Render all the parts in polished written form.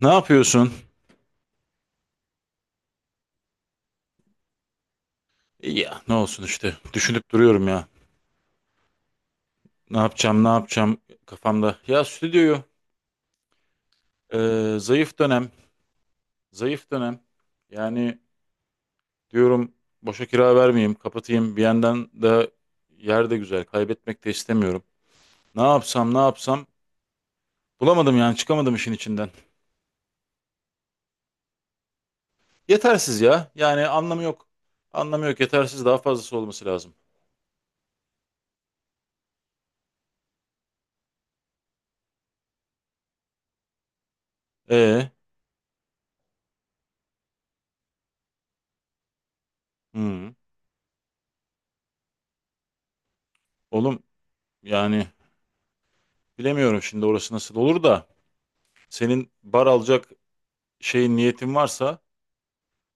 Ne yapıyorsun? İyi. Ya ne olsun işte. Düşünüp duruyorum ya. Ne yapacağım, ne yapacağım kafamda. Ya stüdyoyu e, zayıf dönem, zayıf dönem. Yani diyorum boşa kira vermeyeyim, kapatayım. Bir yandan da yer de güzel, kaybetmek de istemiyorum. Ne yapsam, ne yapsam bulamadım yani çıkamadım işin içinden. Yetersiz ya. Yani anlamı yok. Anlamı yok. Yetersiz daha fazlası olması lazım. E, hı. Oğlum yani bilemiyorum şimdi orası nasıl olur da senin bar alacak şeyin niyetin varsa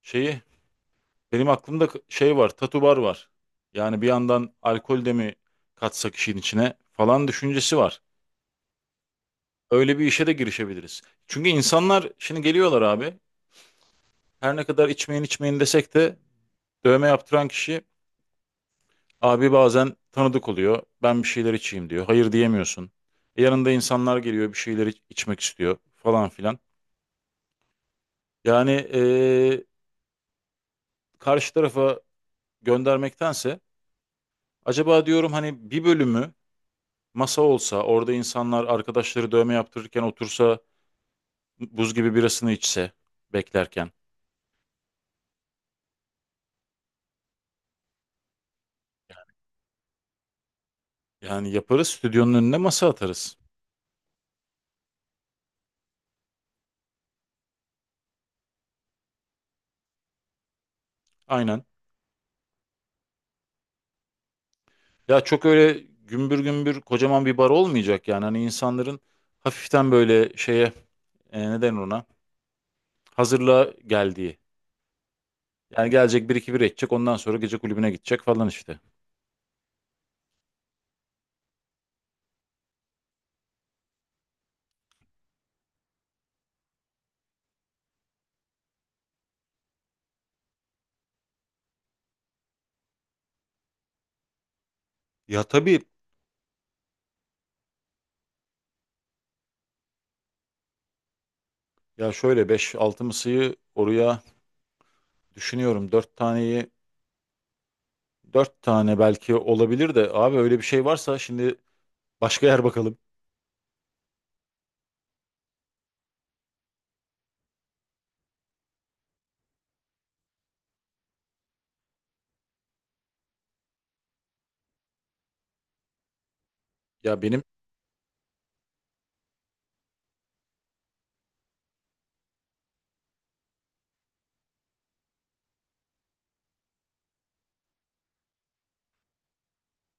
şeyi benim aklımda şey var tatu bar var. Yani bir yandan alkol de mi katsak işin içine falan düşüncesi var. Öyle bir işe de girişebiliriz. Çünkü insanlar şimdi geliyorlar abi. Her ne kadar içmeyin içmeyin desek de dövme yaptıran kişi abi bazen tanıdık oluyor. Ben bir şeyler içeyim diyor. Hayır diyemiyorsun. Yanında insanlar geliyor bir şeyler içmek istiyor falan filan. Yani karşı tarafa göndermektense acaba diyorum hani bir bölümü masa olsa, orada insanlar arkadaşları dövme yaptırırken otursa, buz gibi birasını içse beklerken. Yani yaparız, stüdyonun önüne masa atarız. Aynen. Ya çok öyle gümbür gümbür kocaman bir bar olmayacak yani. Hani insanların hafiften böyle şeye, neden ona, hazırlığa geldiği. Yani gelecek bir iki bira içecek, ondan sonra gece kulübüne gidecek falan işte. Ya tabii, ya şöyle beş altı mısıyı oraya düşünüyorum. Dört taneyi, 4 tane belki olabilir de abi öyle bir şey varsa şimdi başka yer bakalım. Ya benim,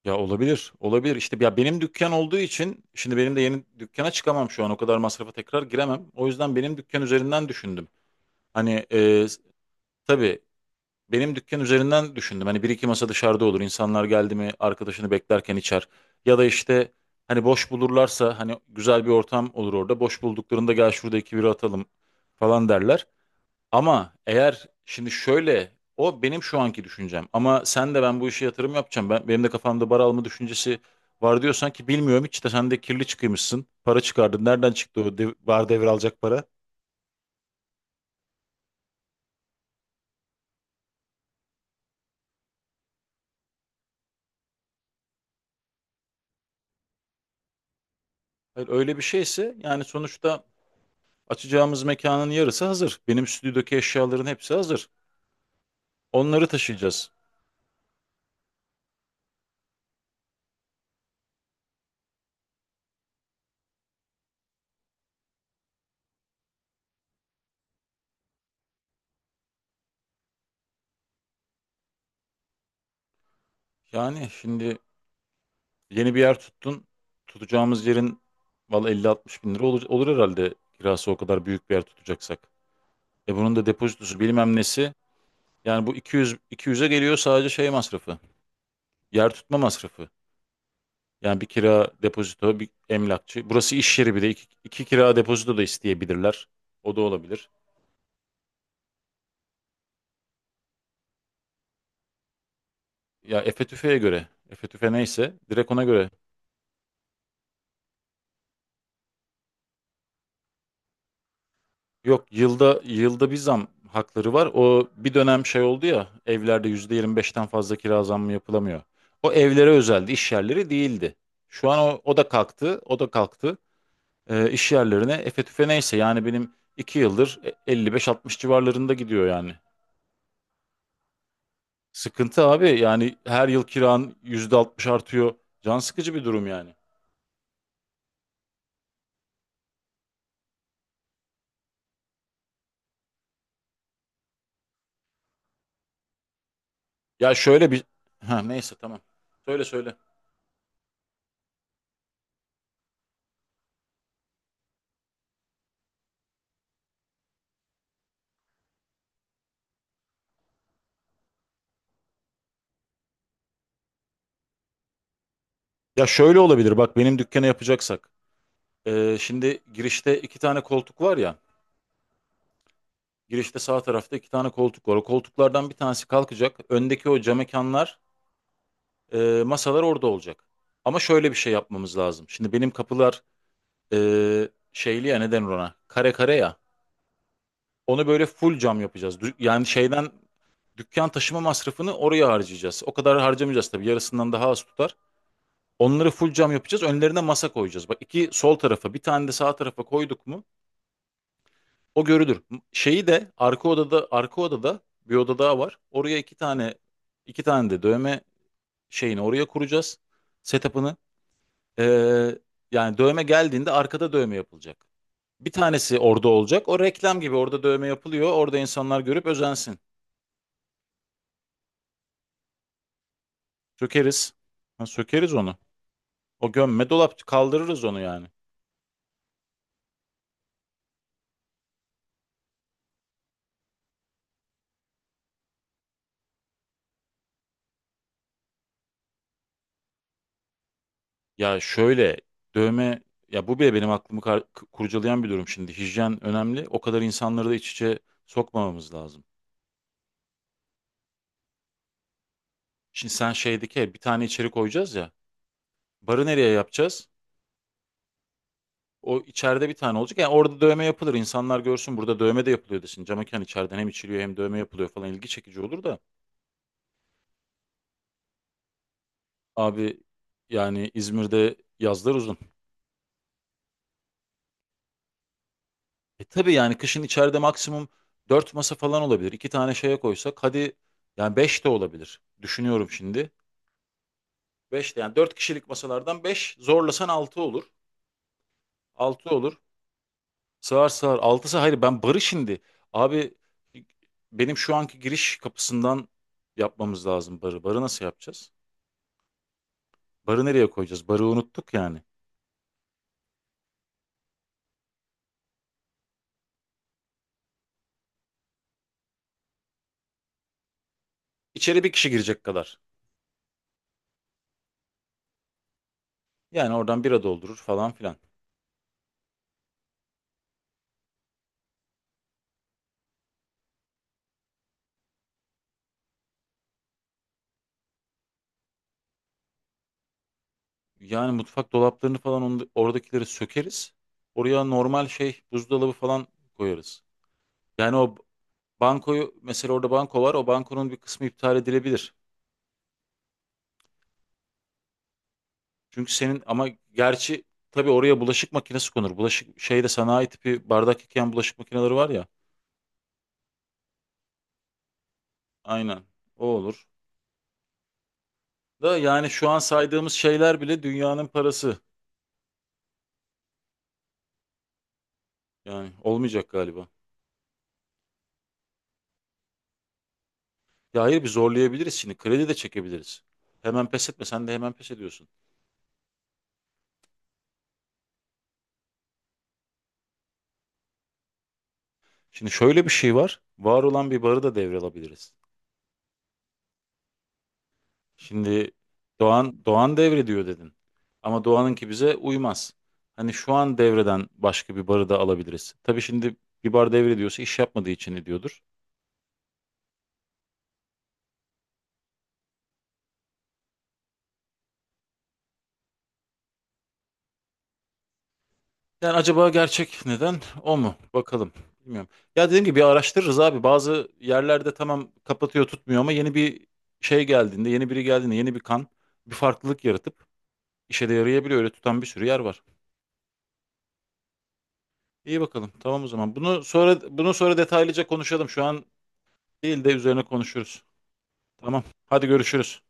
ya olabilir. Olabilir. İşte ya benim dükkan olduğu için şimdi benim de yeni dükkana çıkamam şu an. O kadar masrafa tekrar giremem. O yüzden benim dükkan üzerinden düşündüm. Hani e, tabii benim dükkan üzerinden düşündüm. Hani bir iki masa dışarıda olur. İnsanlar geldi mi arkadaşını beklerken içer. Ya da işte hani boş bulurlarsa hani güzel bir ortam olur orada. Boş bulduklarında gel şurada iki bira atalım falan derler. Ama eğer şimdi şöyle o benim şu anki düşüncem ama sen de ben bu işe yatırım yapacağım. Benim de kafamda bar alma düşüncesi var diyorsan ki bilmiyorum hiç de sen de kirli çıkıymışsın. Para çıkardın. Nereden çıktı o bar devralacak para? Hayır, öyle bir şeyse yani sonuçta açacağımız mekanın yarısı hazır. Benim stüdyodaki eşyaların hepsi hazır. Onları taşıyacağız. Yani şimdi yeni bir yer tuttun. Tutacağımız yerin valla 50-60 bin lira olur, olur herhalde kirası o kadar büyük bir yer tutacaksak. E bunun da depozitosu bilmem nesi. Yani bu 200'e geliyor sadece şey masrafı. Yer tutma masrafı. Yani bir kira depozito, bir emlakçı. Burası iş yeri, bir de iki, iki kira depozito da isteyebilirler. O da olabilir. Ya Efe Tüfe'ye göre. Efe Tüfe neyse direkt ona göre. Yok, yılda bir zam hakları var. O bir dönem şey oldu ya, evlerde %25'ten fazla kira zammı yapılamıyor. O evlere özeldi, iş yerleri değildi. Şu an o, o da kalktı, o da kalktı. İş yerlerine efe tüfe neyse yani benim 2 yıldır 55-60 civarlarında gidiyor yani. Sıkıntı abi, yani her yıl kiran %60 artıyor. Can sıkıcı bir durum yani. Ya şöyle bir, ha neyse tamam. Söyle söyle. Ya şöyle olabilir, bak benim dükkanı yapacaksak. Şimdi girişte iki tane koltuk var ya. Girişte sağ tarafta iki tane koltuk var. O koltuklardan bir tanesi kalkacak. Öndeki o cam mekanlar, masalar orada olacak. Ama şöyle bir şey yapmamız lazım. Şimdi benim kapılar şeyli ya neden ona? Kare kare ya. Onu böyle full cam yapacağız. Yani şeyden dükkan taşıma masrafını oraya harcayacağız. O kadar harcamayacağız tabii. Yarısından daha az tutar. Onları full cam yapacağız. Önlerine masa koyacağız. Bak, iki sol tarafa, bir tane de sağ tarafa koyduk mu o görülür. Şeyi de arka odada, arka odada, bir oda daha var. Oraya iki tane, iki tane de dövme şeyini oraya kuracağız. Setup'ını. Ee, yani dövme geldiğinde arkada dövme yapılacak. Bir tanesi orada olacak. O reklam gibi orada dövme yapılıyor. Orada insanlar görüp özensin. Sökeriz. Ha, sökeriz onu. O gömme dolap, kaldırırız onu yani. Ya şöyle, dövme, ya bu bile benim aklımı kurcalayan bir durum şimdi. Hijyen önemli. O kadar insanları da iç içe sokmamamız lazım. Şimdi sen şeydeki bir tane içeri koyacağız ya. Barı nereye yapacağız? O içeride bir tane olacak. Yani orada dövme yapılır. İnsanlar görsün burada dövme de yapılıyor desin. Cam mekan içeriden hem içiliyor hem dövme yapılıyor falan, ilgi çekici olur da. Abi yani İzmir'de yazlar uzun. E tabii yani kışın içeride maksimum 4 masa falan olabilir. 2 tane şeye koysak hadi yani 5 de olabilir. Düşünüyorum şimdi. 5 de yani, 4 kişilik masalardan beş, zorlasan 6 olur. 6 olur. Sığar sığar. 6'sı. Hayır, ben barı şimdi. Abi, benim şu anki giriş kapısından yapmamız lazım barı. Barı nasıl yapacağız? Barı nereye koyacağız? Barı unuttuk yani. İçeri bir kişi girecek kadar. Yani oradan bira doldurur falan filan. Yani mutfak dolaplarını falan oradakileri sökeriz. Oraya normal şey buzdolabı falan koyarız. Yani o bankoyu, mesela orada banko var. O bankonun bir kısmı iptal edilebilir. Çünkü senin ama gerçi tabii oraya bulaşık makinesi konur. Bulaşık şeyde sanayi tipi bardak yıkayan bulaşık makineleri var ya. Aynen o olur. Da yani şu an saydığımız şeyler bile dünyanın parası. Yani olmayacak galiba. Ya hayır, bir zorlayabiliriz şimdi. Kredi de çekebiliriz. Hemen pes etme. Sen de hemen pes ediyorsun. Şimdi şöyle bir şey var. Var olan bir barı da devralabiliriz. Şimdi Doğan devrediyor dedin. Ama Doğan'ınki bize uymaz. Hani şu an devreden başka bir barı da alabiliriz. Tabii şimdi bir bar devrediyorsa iş yapmadığı için ediyordur. Yani acaba gerçek neden o mu? Bakalım. Bilmiyorum. Ya dediğim gibi bir araştırırız abi. Bazı yerlerde tamam kapatıyor tutmuyor ama yeni bir şey geldiğinde, yeni biri geldiğinde, yeni bir kan, bir farklılık yaratıp işe de yarayabiliyor. Öyle tutan bir sürü yer var. İyi bakalım. Tamam o zaman. Bunu sonra detaylıca konuşalım. Şu an değil de üzerine konuşuruz. Tamam. Hadi görüşürüz.